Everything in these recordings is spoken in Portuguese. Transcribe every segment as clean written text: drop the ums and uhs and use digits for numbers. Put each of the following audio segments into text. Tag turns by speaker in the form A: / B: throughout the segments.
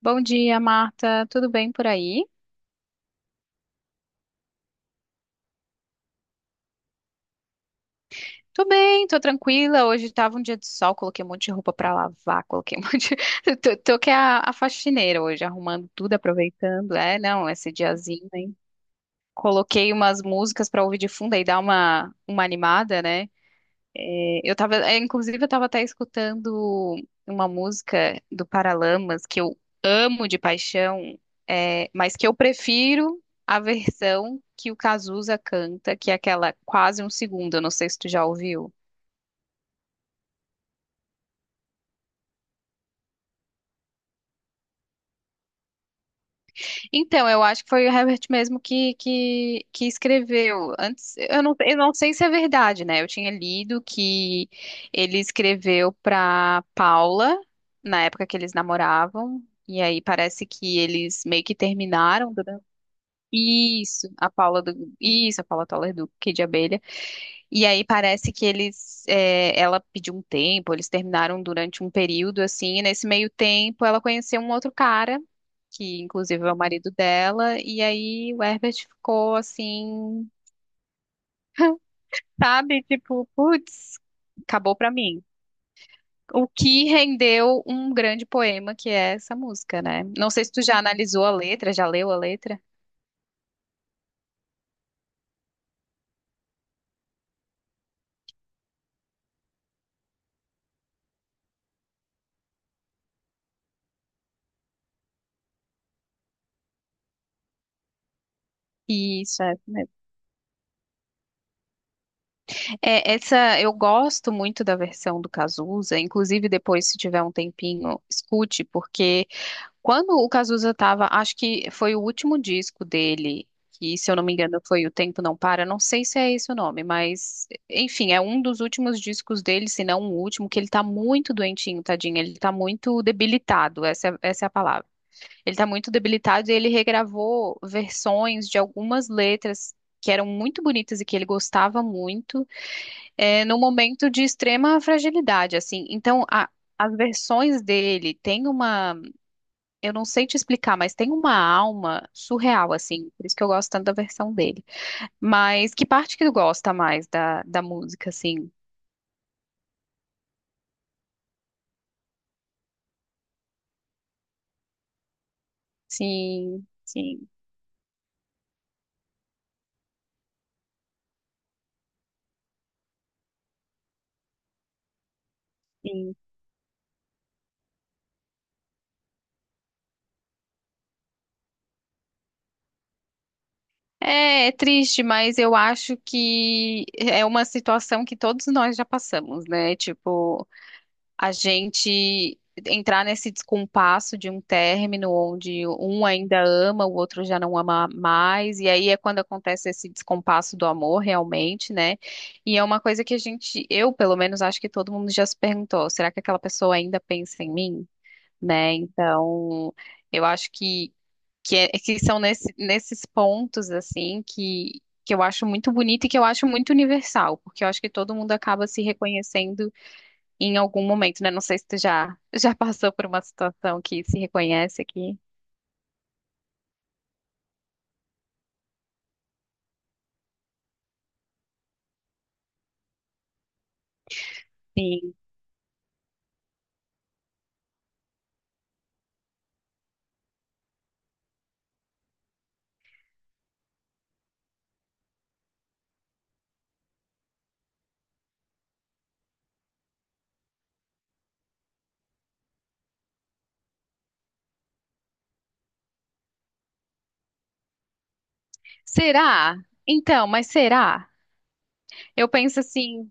A: Bom dia, Marta. Tudo bem por aí? Tô bem, tô tranquila. Hoje tava um dia de sol, coloquei um monte de roupa pra lavar, coloquei um monte de... Tô que é a faxineira hoje, arrumando tudo, aproveitando. É, não, esse diazinho, hein? Coloquei umas músicas pra ouvir de fundo e dar uma animada, né? Eu tava, inclusive, eu tava até escutando uma música do Paralamas que eu amo de paixão, mas que eu prefiro a versão que o Cazuza canta, que é aquela quase um segundo. Eu não sei se tu já ouviu. Então, eu acho que foi o Herbert mesmo que escreveu. Antes, eu não sei se é verdade, né? Eu tinha lido que ele escreveu para Paula na época que eles namoravam, e aí parece que eles meio que terminaram. Isso, isso, a Paula Toller do Kid Abelha. E aí parece que eles, ela pediu um tempo, eles terminaram durante um período assim, e nesse meio tempo ela conheceu um outro cara, que inclusive é o marido dela, e aí o Herbert ficou assim, sabe, tipo, putz, acabou pra mim. O que rendeu um grande poema que é essa música, né? Não sei se tu já analisou a letra, já leu a letra? Isso, é isso mesmo. É, essa eu gosto muito da versão do Cazuza, inclusive depois, se tiver um tempinho, escute, porque quando o Cazuza estava, acho que foi o último disco dele, que se eu não me engano foi O Tempo Não Para, não sei se é esse o nome, mas enfim, é um dos últimos discos dele, se não o último, que ele tá muito doentinho, tadinho, ele tá muito debilitado, essa é a palavra. Ele tá muito debilitado e ele regravou versões de algumas letras que eram muito bonitas e que ele gostava muito, num momento de extrema fragilidade, assim. As versões dele têm uma, eu não sei te explicar, mas tem uma alma surreal, assim. Por isso que eu gosto tanto da versão dele. Mas que parte que tu gosta mais da música, assim? Sim, sim, sim. É, é triste, mas eu acho que é uma situação que todos nós já passamos, né? Tipo, a gente entrar nesse descompasso de um término onde um ainda ama, o outro já não ama mais, e aí é quando acontece esse descompasso do amor realmente, né? E é uma coisa que a gente, eu pelo menos acho que todo mundo já se perguntou, será que aquela pessoa ainda pensa em mim? Né? Então, eu acho que são nesses pontos assim que eu acho muito bonito e que eu acho muito universal, porque eu acho que todo mundo acaba se reconhecendo em algum momento, né? Não sei se tu já, já passou por uma situação que se reconhece aqui. Sim. Será? Então, mas será? Eu penso assim.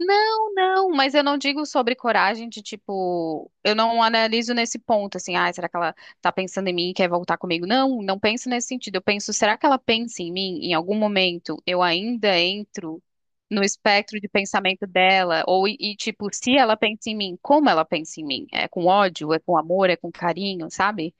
A: Não, não, mas eu não digo sobre coragem de tipo, eu não analiso nesse ponto assim, ah, será que ela tá pensando em mim e quer voltar comigo? Não, não penso nesse sentido. Eu penso, será que ela pensa em mim? Em algum momento eu ainda entro no espectro de pensamento dela ou tipo, se ela pensa em mim, como ela pensa em mim? É com ódio, é com amor, é com carinho, sabe?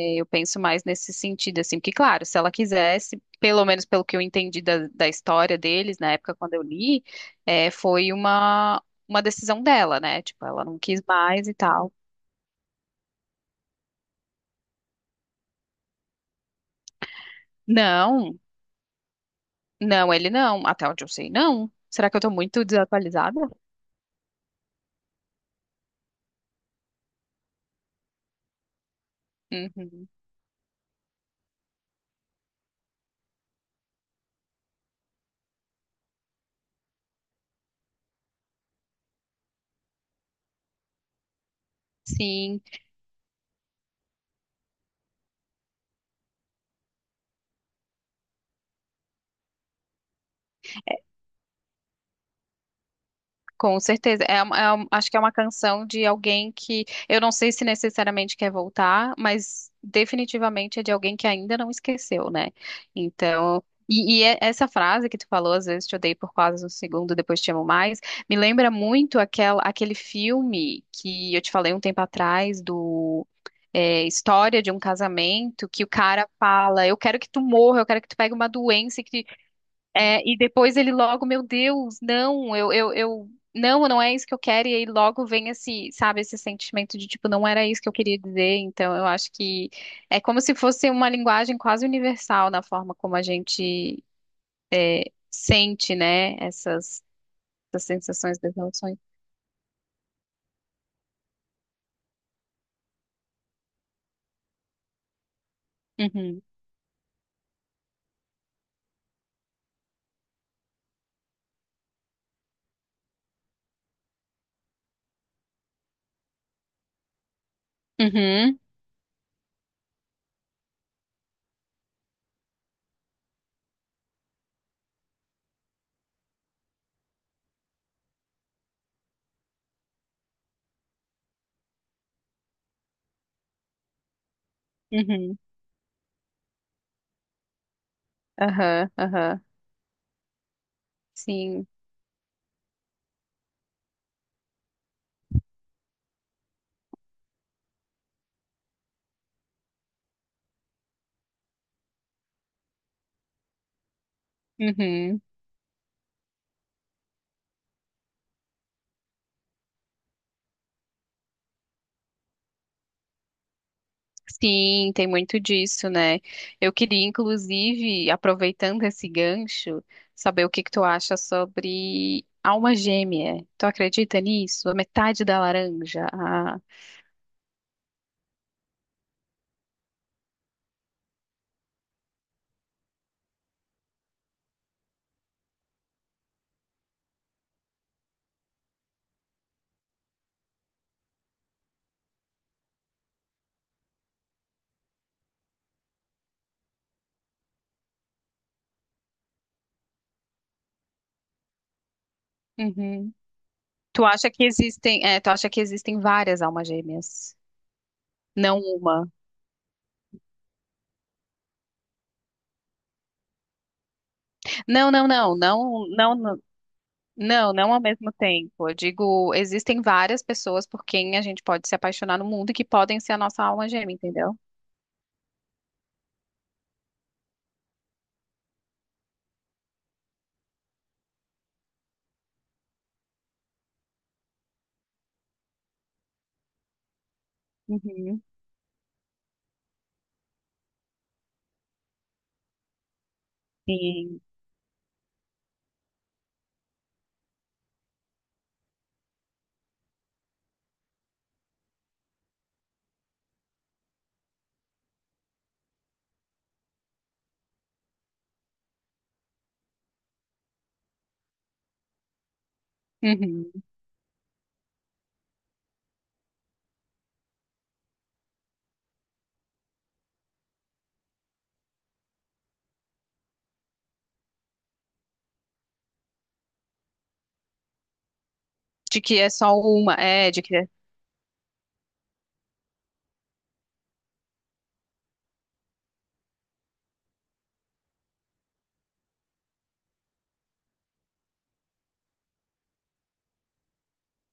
A: Eu penso mais nesse sentido, assim, porque, claro, se ela quisesse, pelo menos pelo que eu entendi da história deles, na época quando eu li, foi uma decisão dela, né? Tipo, ela não quis mais e tal. Não, não, ele não, até onde eu sei, não. Será que eu tô muito desatualizada? Uhum. Sim. Com certeza. Acho que é uma canção de alguém que eu não sei se necessariamente quer voltar, mas definitivamente é de alguém que ainda não esqueceu, né? Então, e é- essa frase que tu falou, às vezes te odeio por quase um segundo, depois te amo mais, me lembra muito aquela, aquele filme que eu te falei um tempo atrás do. É, história de um casamento que o cara fala, eu quero que tu morra, eu quero que tu pegue uma doença e que é, e depois ele logo, meu Deus, não, eu, não, não é isso que eu quero. E aí logo vem esse, sabe, esse sentimento de tipo, não era isso que eu queria dizer. Então eu acho que é como se fosse uma linguagem quase universal na forma como a gente é, sente, né, essas, essas sensações das emoções. Uhum, uhum, uhum, aham, aham, sim, uhum. Sim, tem muito disso, né? Eu queria, inclusive, aproveitando esse gancho, saber o que que tu acha sobre alma gêmea. Tu acredita nisso? A metade da laranja. A- uhum. Tu acha que existem, tu acha que existem várias almas gêmeas? Não uma. Não, não, não, não, não, não, não, não ao mesmo tempo. Eu digo, existem várias pessoas por quem a gente pode se apaixonar no mundo e que podem ser a nossa alma gêmea, entendeu? Uhum. Sim. Uhum. De que é só uma, é, de que é.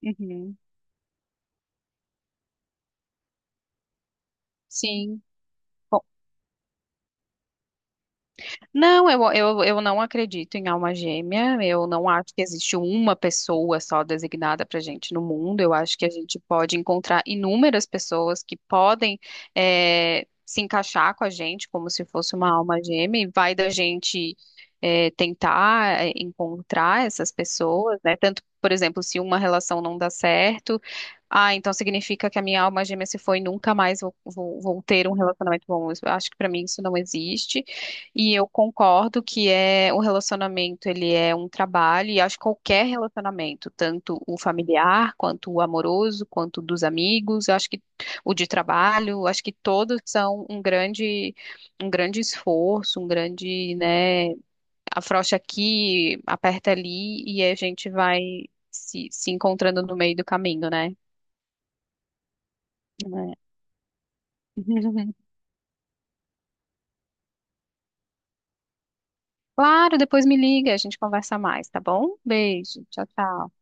A: Uhum, sim. Bom, não, eu não acredito em alma gêmea. Eu não acho que existe uma pessoa só designada para gente no mundo. Eu acho que a gente pode encontrar inúmeras pessoas que podem se encaixar com a gente como se fosse uma alma gêmea, e vai da gente tentar encontrar essas pessoas, né? Tanto, por exemplo, se uma relação não dá certo. Ah, então significa que a minha alma gêmea se foi, e nunca mais vou ter um relacionamento bom. Eu acho que pra mim isso não existe. E eu concordo que é o relacionamento, ele é um trabalho, e acho que qualquer relacionamento, tanto o familiar, quanto o amoroso, quanto o dos amigos, eu acho que o de trabalho, eu acho que todos são um grande esforço, um grande, né, afrouxa aqui, aperta ali, e a gente vai se encontrando no meio do caminho, né? Claro, depois me liga, a gente conversa mais, tá bom? Beijo, tchau, tchau.